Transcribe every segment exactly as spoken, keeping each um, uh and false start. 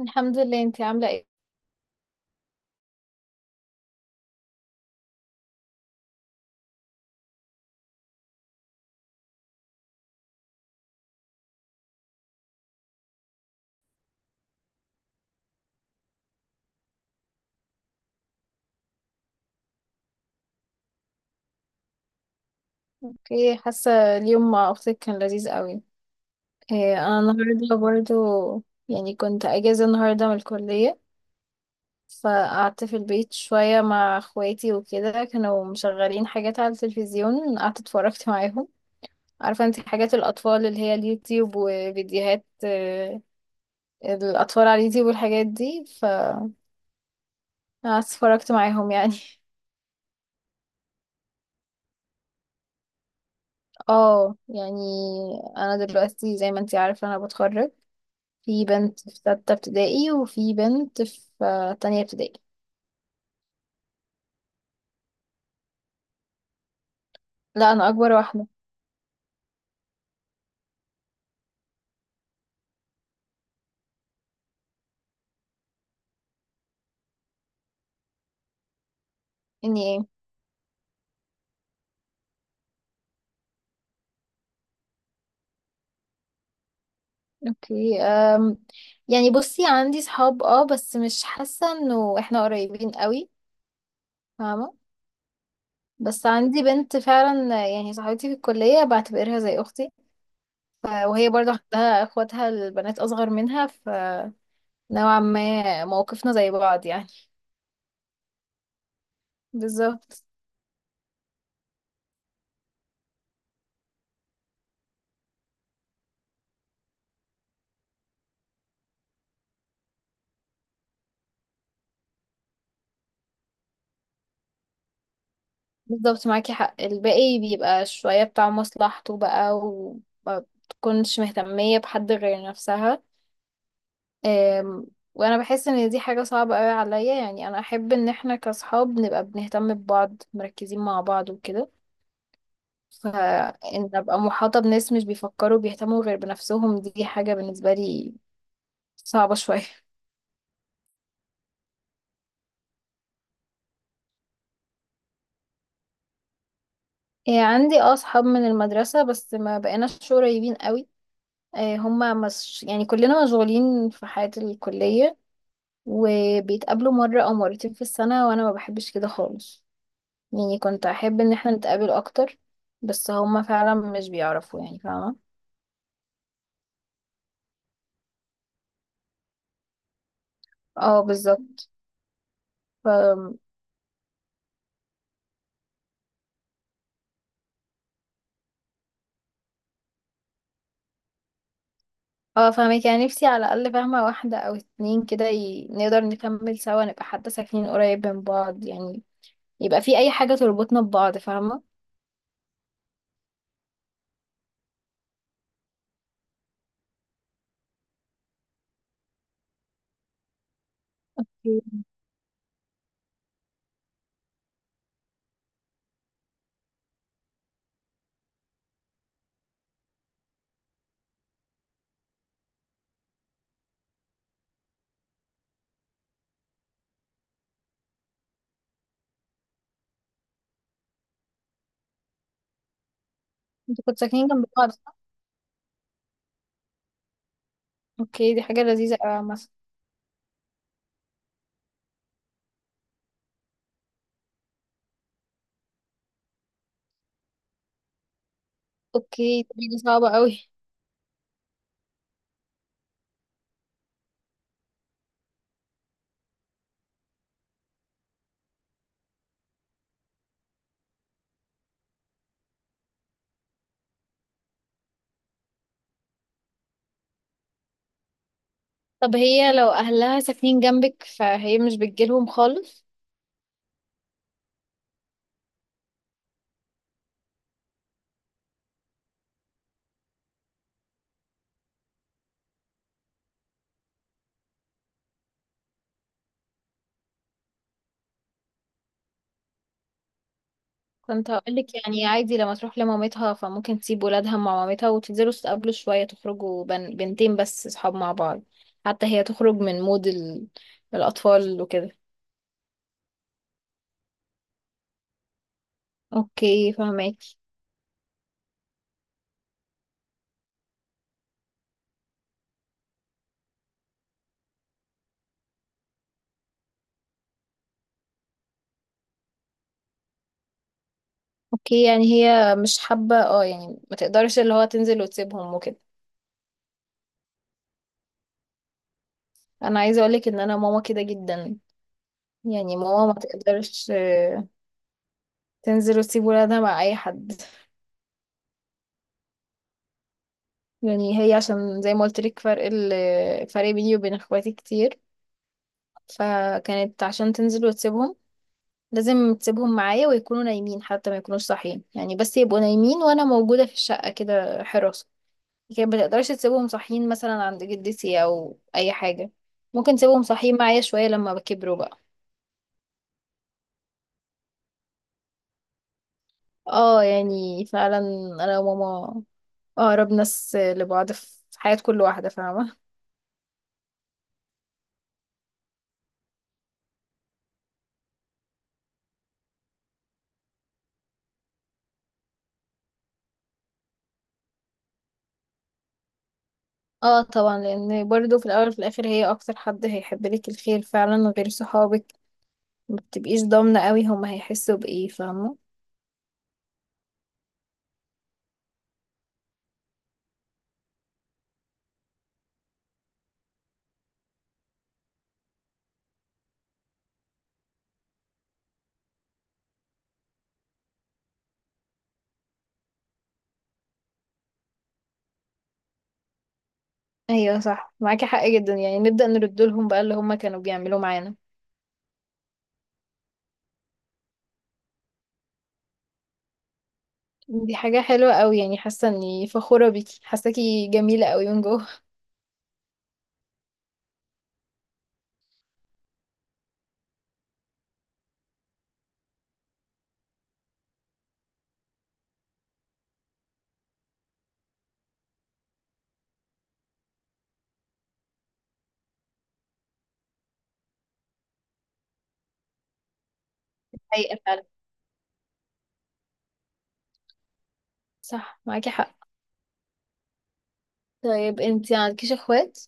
الحمد لله، انتي عاملة ايه. اوكي، حاسة اليوم مع اختك كان لذيذ قوي. ايه انا النهاردة برضو يعني كنت اجازة النهاردة من الكلية، فقعدت في البيت شوية مع اخواتي وكده. كانوا مشغلين حاجات على التلفزيون، قعدت اتفرجت معاهم. عارفة انتي حاجات الاطفال اللي هي اليوتيوب وفيديوهات اه، الاطفال على اليوتيوب والحاجات دي، فقعدت اتفرجت معاهم يعني. اه يعني انا دلوقتي زي ما انتي عارفة انا بتخرج. في بنت في ستة ابتدائي وفي بنت في آه، تانية ابتدائي. لا، أنا أكبر واحدة. إني إيه. أوكي. أم يعني بصي، عندي صحاب اه بس مش حاسة إنه إحنا قريبين قوي، فاهمة. بس عندي بنت فعلا آه، يعني صاحبتي في الكلية بعتبرها زي أختي. ف- وهي برضه عندها اخواتها البنات أصغر منها، فنوعا ما موقفنا زي بعض يعني. بالظبط. بالظبط، معاكي حق. الباقي بيبقى شوية بتاع مصلحته بقى، وما بتكونش مهتمية بحد غير نفسها. أم، وانا بحس ان دي حاجة صعبة قوي عليا. يعني انا احب ان احنا كاصحاب نبقى بنهتم ببعض، مركزين مع بعض وكده. فان ابقى محاطة بناس مش بيفكروا بيهتموا غير بنفسهم، دي حاجة بالنسبة لي صعبة شوية. إيه، عندي اه اصحاب من المدرسة بس ما بقيناش قريبين قوي. إيه، هما مش يعني، كلنا مشغولين في حياة الكلية، وبيتقابلوا مرة أو مرتين في السنة. وأنا ما بحبش كده خالص، يعني كنت أحب إن احنا نتقابل أكتر. بس هما فعلا مش بيعرفوا يعني، فاهمة. اه بالظبط. ف... اه فاهمك. يعني نفسي على الأقل فاهمة واحدة أو اتنين كده ي... نقدر نكمل سوا، نبقى حتى ساكنين قريب من بعض يعني، يبقى في أي حاجة تربطنا ببعض، فاهمة. أوكي. انتوا كنتوا ساكنين جنب بعض صح؟ اوكي، دي حاجة لذيذة أوي مثلا. اوكي، دي صعبة أوي. طب هي لو أهلها ساكنين جنبك فهي مش بتجيلهم خالص؟ كنت هقولك يعني عادي، لما تروح لمامتها فممكن تسيب ولادها مع مامتها، وتنزلوا تتقابلوا شوية، تخرجوا بن... بنتين بس صحاب مع بعض، حتى هي تخرج من مود ال... الأطفال وكده. اوكي فهماكي. اوكي، يعني هي مش حابة اه، يعني ما تقدرش اللي هو تنزل وتسيبهم وكده. انا عايزة اقولك ان انا ماما كده جدا. يعني ماما ما تقدرش آه، تنزل وتسيب ولادها مع اي حد. يعني هي عشان زي ما قلت لك فرق ال... فرق بيني وبين اخواتي كتير، فكانت عشان تنزل وتسيبهم لازم تسيبهم معايا، ويكونوا نايمين حتى، ما يكونوش صاحيين يعني، بس يبقوا نايمين وانا موجودة في الشقة كده حراسة. لكن ما تقدرش تسيبهم صاحيين مثلا عند جدتي او اي حاجة. ممكن تسيبهم صاحيين معايا شوية لما بكبروا بقى. اه يعني فعلا، انا وماما اقرب ناس لبعض في حياة كل واحدة، فاهمة. اه طبعا، لان برضو في الاول وفي الاخر هي اكتر حد هيحب لك الخير فعلا. غير صحابك ما بتبقيش ضامنة قوي هما هيحسوا بايه، فاهمة. ايوه صح، معاكي حق جدا. يعني نبدأ نرد لهم بقى اللي هما كانوا بيعملوه معانا. دي حاجة حلوة قوي، يعني حاسة اني فخورة بيكي، حاساكي جميلة قوي من جوه. حقيقة فعلا. صح معاكي حق. طيب انتي عندكيش اخوات؟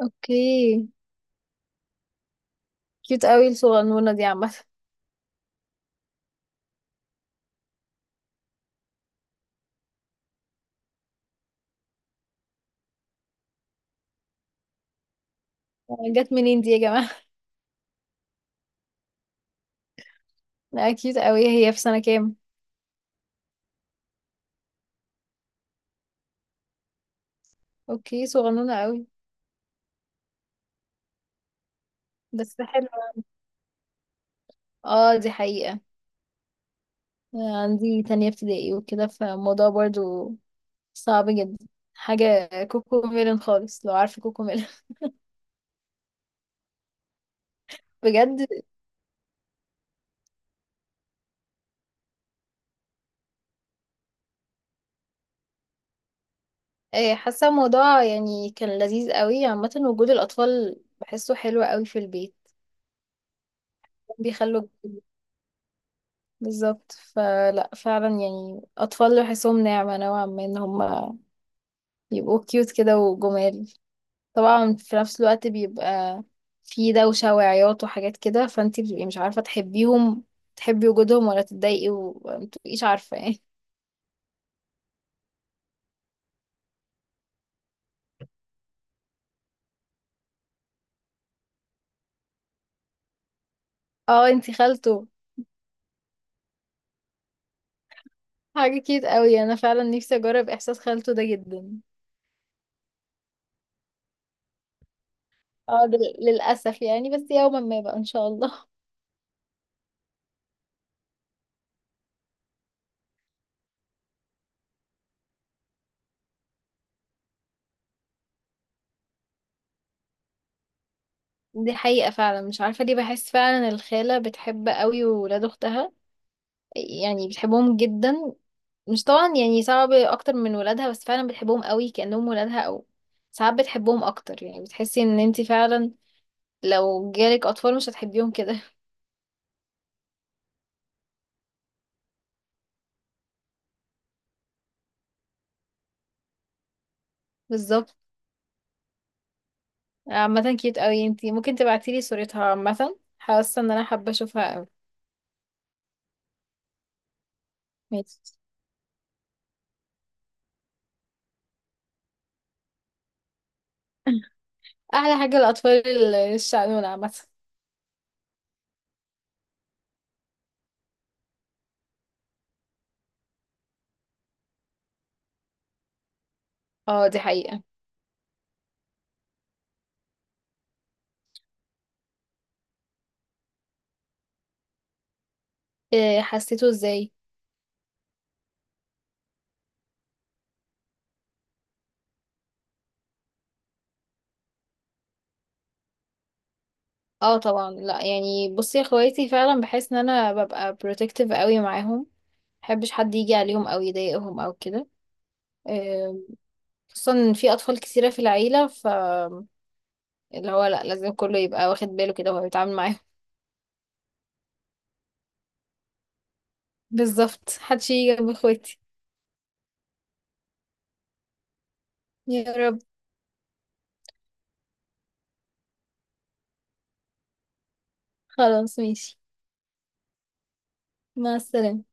اوكي. كيوت قوي الصغنونة دي عامة. جت منين دي يا جماعة. لا كيوت قوي، هي في سنة كام؟ اوكي صغنونة قوي. بس حلوة. اه دي حقيقة. عندي تانية ابتدائي وكده، فالموضوع برضو صعب جدا، حاجة كوكو ميلن خالص، لو عارفة كوكو ميلن. بجد آه، حاسه الموضوع يعني كان لذيذ قوي. عامه وجود الاطفال بحسه حلو قوي في البيت، بيخلوا. بالظبط، فلا فعلا يعني اطفال بحسهم نعمه نوعا ما، ان هم يبقوا كيوت كده وجمال. طبعا في نفس الوقت بيبقى في دوشه وعياط وحاجات كده، فانتي بتبقي مش عارفه تحبيهم، تحبي وجودهم ولا تتضايقي، ومتبقيش عارفه ايه. اه انتي خالته. حاجه كيوت قوي، انا فعلا نفسي اجرب احساس خالته ده جدا. اه لل- للأسف يعني، بس يوما ما بقى إن شاء الله. دي حقيقة فعلا، مش عارفة ليه بحس فعلا الخالة بتحب قوي ولاد أختها، يعني بتحبهم جدا. مش طبعا يعني صعب أكتر من ولادها، بس فعلا بتحبهم قوي كأنهم ولادها، أو ساعات بتحبهم أكتر. يعني بتحسي إن انتي فعلا لو جالك أطفال مش هتحبيهم كده. بالظبط. عامة كيوت قوي، انتي ممكن تبعتيلي صورتها عامة، حاسة إن أنا حابة أشوفها قوي. ماشي. أحلى حاجة الأطفال الشقنونة عامة. اه دي حقيقة. إيه، حسيته ازاي. اه طبعا، لا يعني بصي، يا اخواتي فعلا بحس ان انا ببقى بروتكتيف قوي معاهم، محبش حد يجي عليهم او يضايقهم او كده. إيه، خصوصا ان في اطفال كثيره في العيله، فاللي هو لا لازم كله يبقى واخد باله كده وهو بيتعامل معاهم. بالظبط، محدش يجي جنب اخواتي. يا رب. خلاص ماشي. مع السلامه.